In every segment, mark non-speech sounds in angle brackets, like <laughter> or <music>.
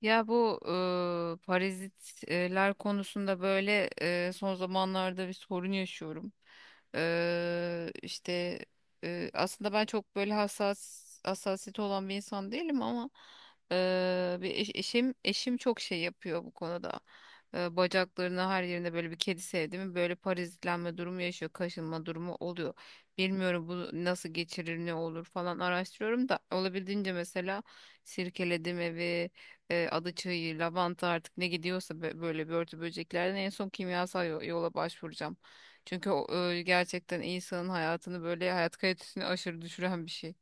Ya bu parazitler konusunda böyle son zamanlarda bir sorun yaşıyorum. E, işte aslında ben çok böyle hassas hassasiyeti olan bir insan değilim ama bir eşim çok şey yapıyor bu konuda. Bacaklarına her yerine böyle bir kedi sevdi mi böyle parazitlenme durumu yaşıyor, kaşınma durumu oluyor. Bilmiyorum bu nasıl geçirir, ne olur falan araştırıyorum da olabildiğince mesela sirkeledim evi, adaçayı, lavanta, artık ne gidiyorsa böyle börtü böceklerden en son kimyasal yola başvuracağım. Çünkü o, gerçekten insanın hayatını böyle hayat kalitesini aşırı düşüren bir şey.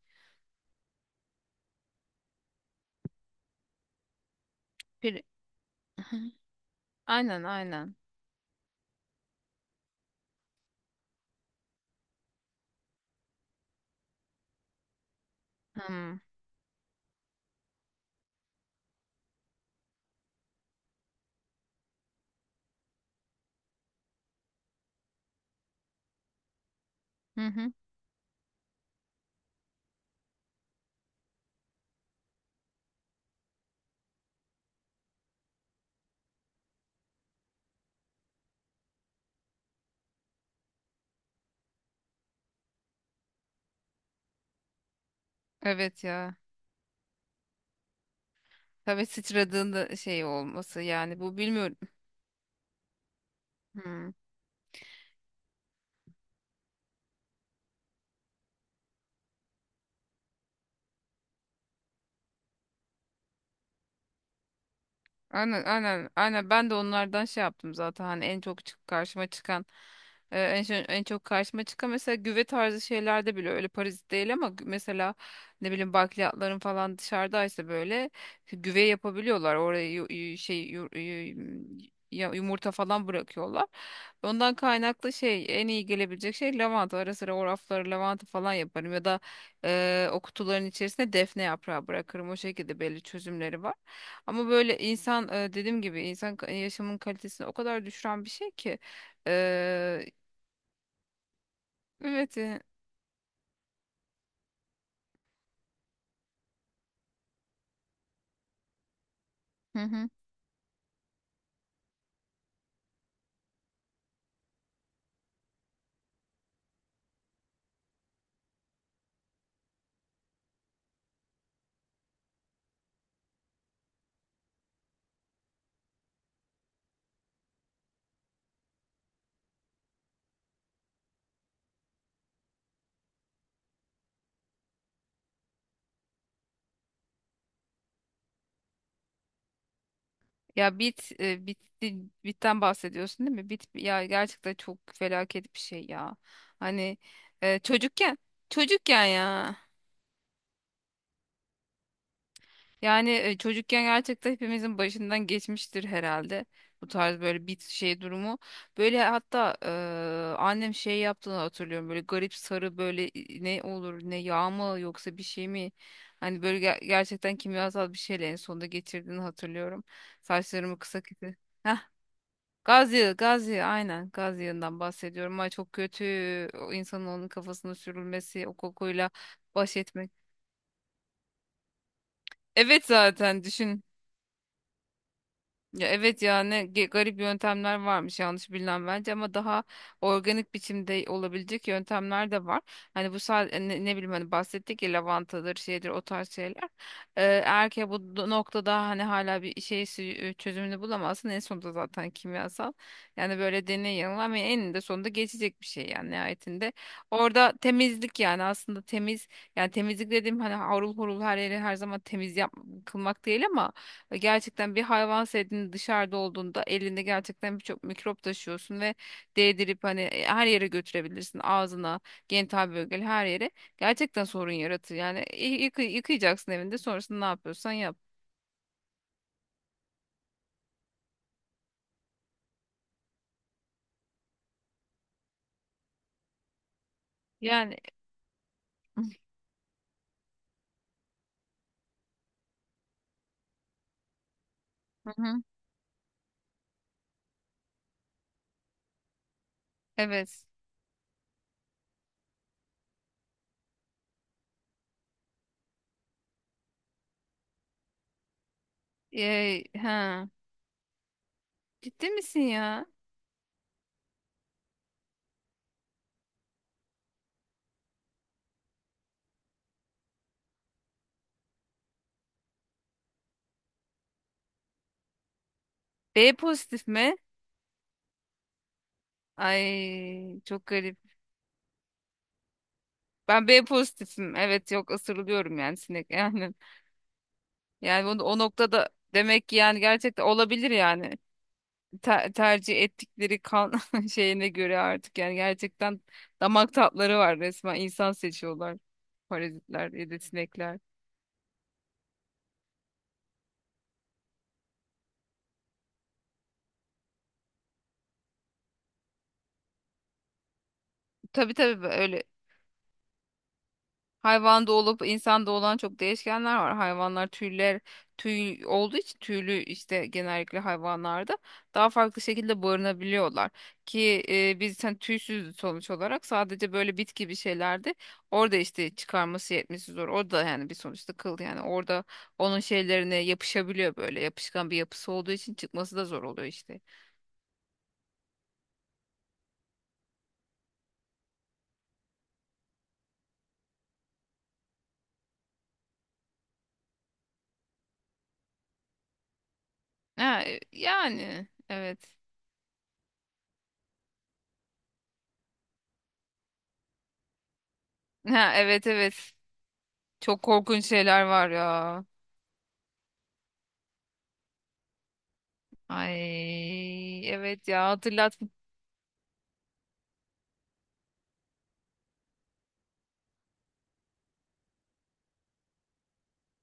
Bir... <laughs> Aynen, aynen. Hmm. Hı hı. Evet ya. Tabii sıçradığında şey olması, yani bu bilmiyorum. Hmm. Aynen, aynen, aynen, ben de onlardan şey yaptım zaten, hani en çok karşıma çıkan en çok karşıma çıkan mesela güve tarzı şeylerde bile, öyle parazit değil ama mesela ne bileyim bakliyatların falan dışarıdaysa böyle güve yapabiliyorlar oraya, yumurta falan bırakıyorlar. Ondan kaynaklı şey, en iyi gelebilecek şey lavanta, ara sıra o rafları lavanta falan yaparım ya da o kutuların içerisine defne yaprağı bırakırım, o şekilde belli çözümleri var. Ama böyle insan, dediğim gibi insan yaşamın kalitesini o kadar düşüren bir şey ki. Eee, evet. Hı hı. Ya bit, e, bitti bitten bahsediyorsun değil mi? Bit ya, gerçekten çok felaket bir şey ya. Hani e, çocukken çocukken ya. Yani çocukken gerçekten hepimizin başından geçmiştir herhalde bu tarz böyle bir şey durumu. Böyle hatta annem şey yaptığını hatırlıyorum, böyle garip sarı böyle, ne olur, ne yağ mı yoksa bir şey mi? Hani böyle gerçekten kimyasal bir şeyle en sonunda geçirdiğini hatırlıyorum. Saçlarımı kısa kesti. Heh, gaz yağı, gaz yağı, aynen gaz yağından bahsediyorum. Ay çok kötü, o insanın onun kafasına sürülmesi, o kokuyla baş etmek. Evet zaten düşün. Ya evet ya, ne garip yöntemler varmış yanlış bilinen bence, ama daha organik biçimde olabilecek yöntemler de var. Hani bu sadece ne, ne bileyim, hani bahsettik ya, lavantadır şeydir, o tarz şeyler. Eğer ki bu noktada hani hala bir şey çözümünü bulamazsın en sonunda, zaten kimyasal. Yani böyle deney yanılma, ama eninde sonunda geçecek bir şey yani nihayetinde. Orada temizlik, yani aslında yani temizlik dediğim, hani harul hurul her yeri her zaman temiz yap kılmak değil ama, ve gerçekten bir hayvan sevdiğin dışarıda olduğunda elinde gerçekten birçok mikrop taşıyorsun ve değdirip hani, her yere götürebilirsin. Ağzına, genital bölgeli her yere. Gerçekten sorun yaratır. Yani yıkayacaksın evinde, sonrasında ne yapıyorsan yap. Yani <laughs> Hı hı. Evet. Ee, ha. Ciddi misin ya? B pozitif mi? Ay çok garip. Ben B pozitifim. Evet yok, ısırılıyorum yani sinek <laughs> yani. Yani o, o noktada demek ki yani gerçekten olabilir yani. Tercih ettikleri kan <laughs> şeyine göre artık yani, gerçekten damak tatları var, resmen insan seçiyorlar parazitler ya da sinekler. Tabii tabii böyle, hayvan da olup insan da olan çok değişkenler var. Hayvanlar tüy olduğu için tüylü işte, genellikle hayvanlarda daha farklı şekilde barınabiliyorlar. Ki biz hani tüysüz sonuç olarak, sadece böyle bitki bir şeylerde orada işte çıkarması yetmesi zor. Orada yani bir sonuçta kıl, yani orada onun şeylerine yapışabiliyor, böyle yapışkan bir yapısı olduğu için çıkması da zor oluyor işte. Ha, yani evet. <laughs> Ha, evet evet. Çok korkunç şeyler var ya. Ay evet ya, hatırlat.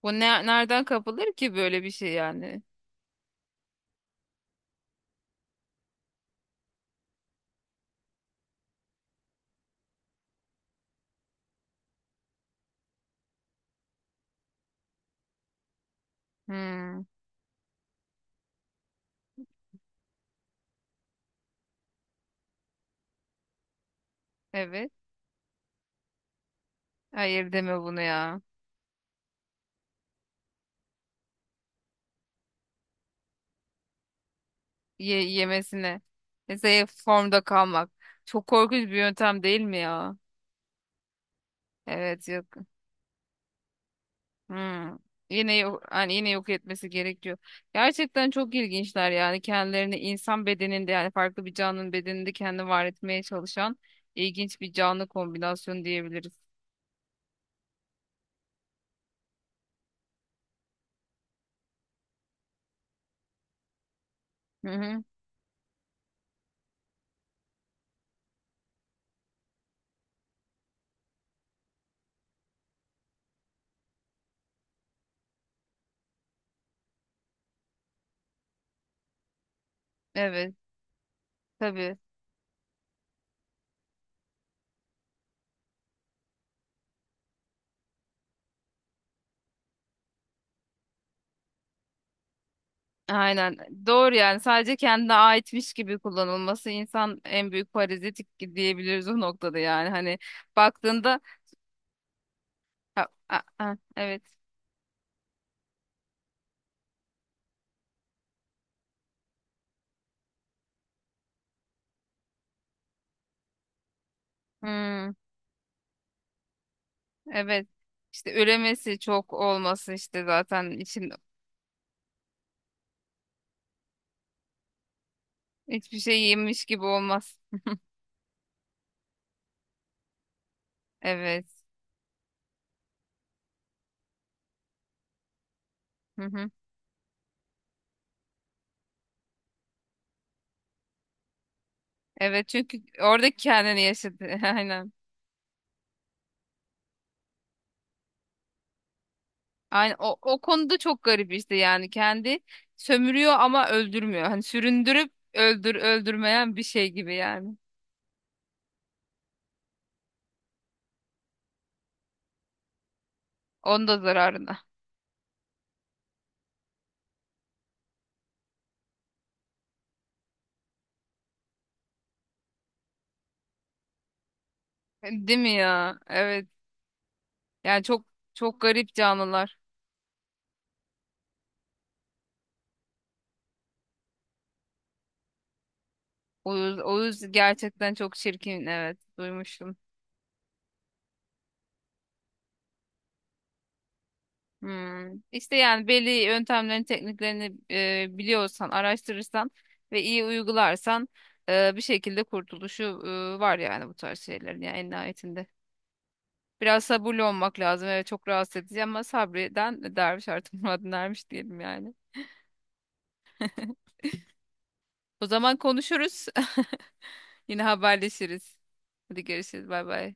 Bu ne, nereden kapılır ki böyle bir şey yani? Hmm, evet. Hayır deme bunu ya. Ye, yemesine. Mesela formda kalmak. Çok korkunç bir yöntem değil mi ya? Evet yok. Hmm. Yine yok, hani yine yok etmesi gerekiyor. Gerçekten çok ilginçler, yani kendilerini insan bedeninde, yani farklı bir canlının bedeninde kendini var etmeye çalışan ilginç bir canlı kombinasyonu diyebiliriz. Hı hı. Evet tabii. Aynen. Doğru, yani sadece kendine aitmiş gibi kullanılması, insan en büyük parazit diyebiliriz o noktada yani. Hani baktığında, ha, evet. Hmm, evet. İşte üremesi çok olması işte zaten için hiçbir şey yemiş gibi olmaz. Evet. Hı hı. Evet çünkü orada kendini yaşadı. <laughs> Aynen. Aynen. O, o konuda çok garip işte, yani kendi sömürüyor ama öldürmüyor. Hani süründürüp öldürmeyen bir şey gibi yani. Onun da zararına. Değil mi ya? Evet. Yani çok çok garip canlılar. Oğuz, Oğuz gerçekten çok çirkin. Evet, duymuştum. Hmm. İşte yani belli yöntemlerini, tekniklerini biliyorsan, araştırırsan ve iyi uygularsan bir şekilde kurtuluşu var yani bu tarz şeylerin yani, en nihayetinde. Biraz sabırlı olmak lazım. Evet çok rahatsız edici ama, sabreden derviş artık <laughs> muradına ermiş diyelim yani. O zaman konuşuruz. <laughs> Yine haberleşiriz. Hadi görüşürüz. Bay bay.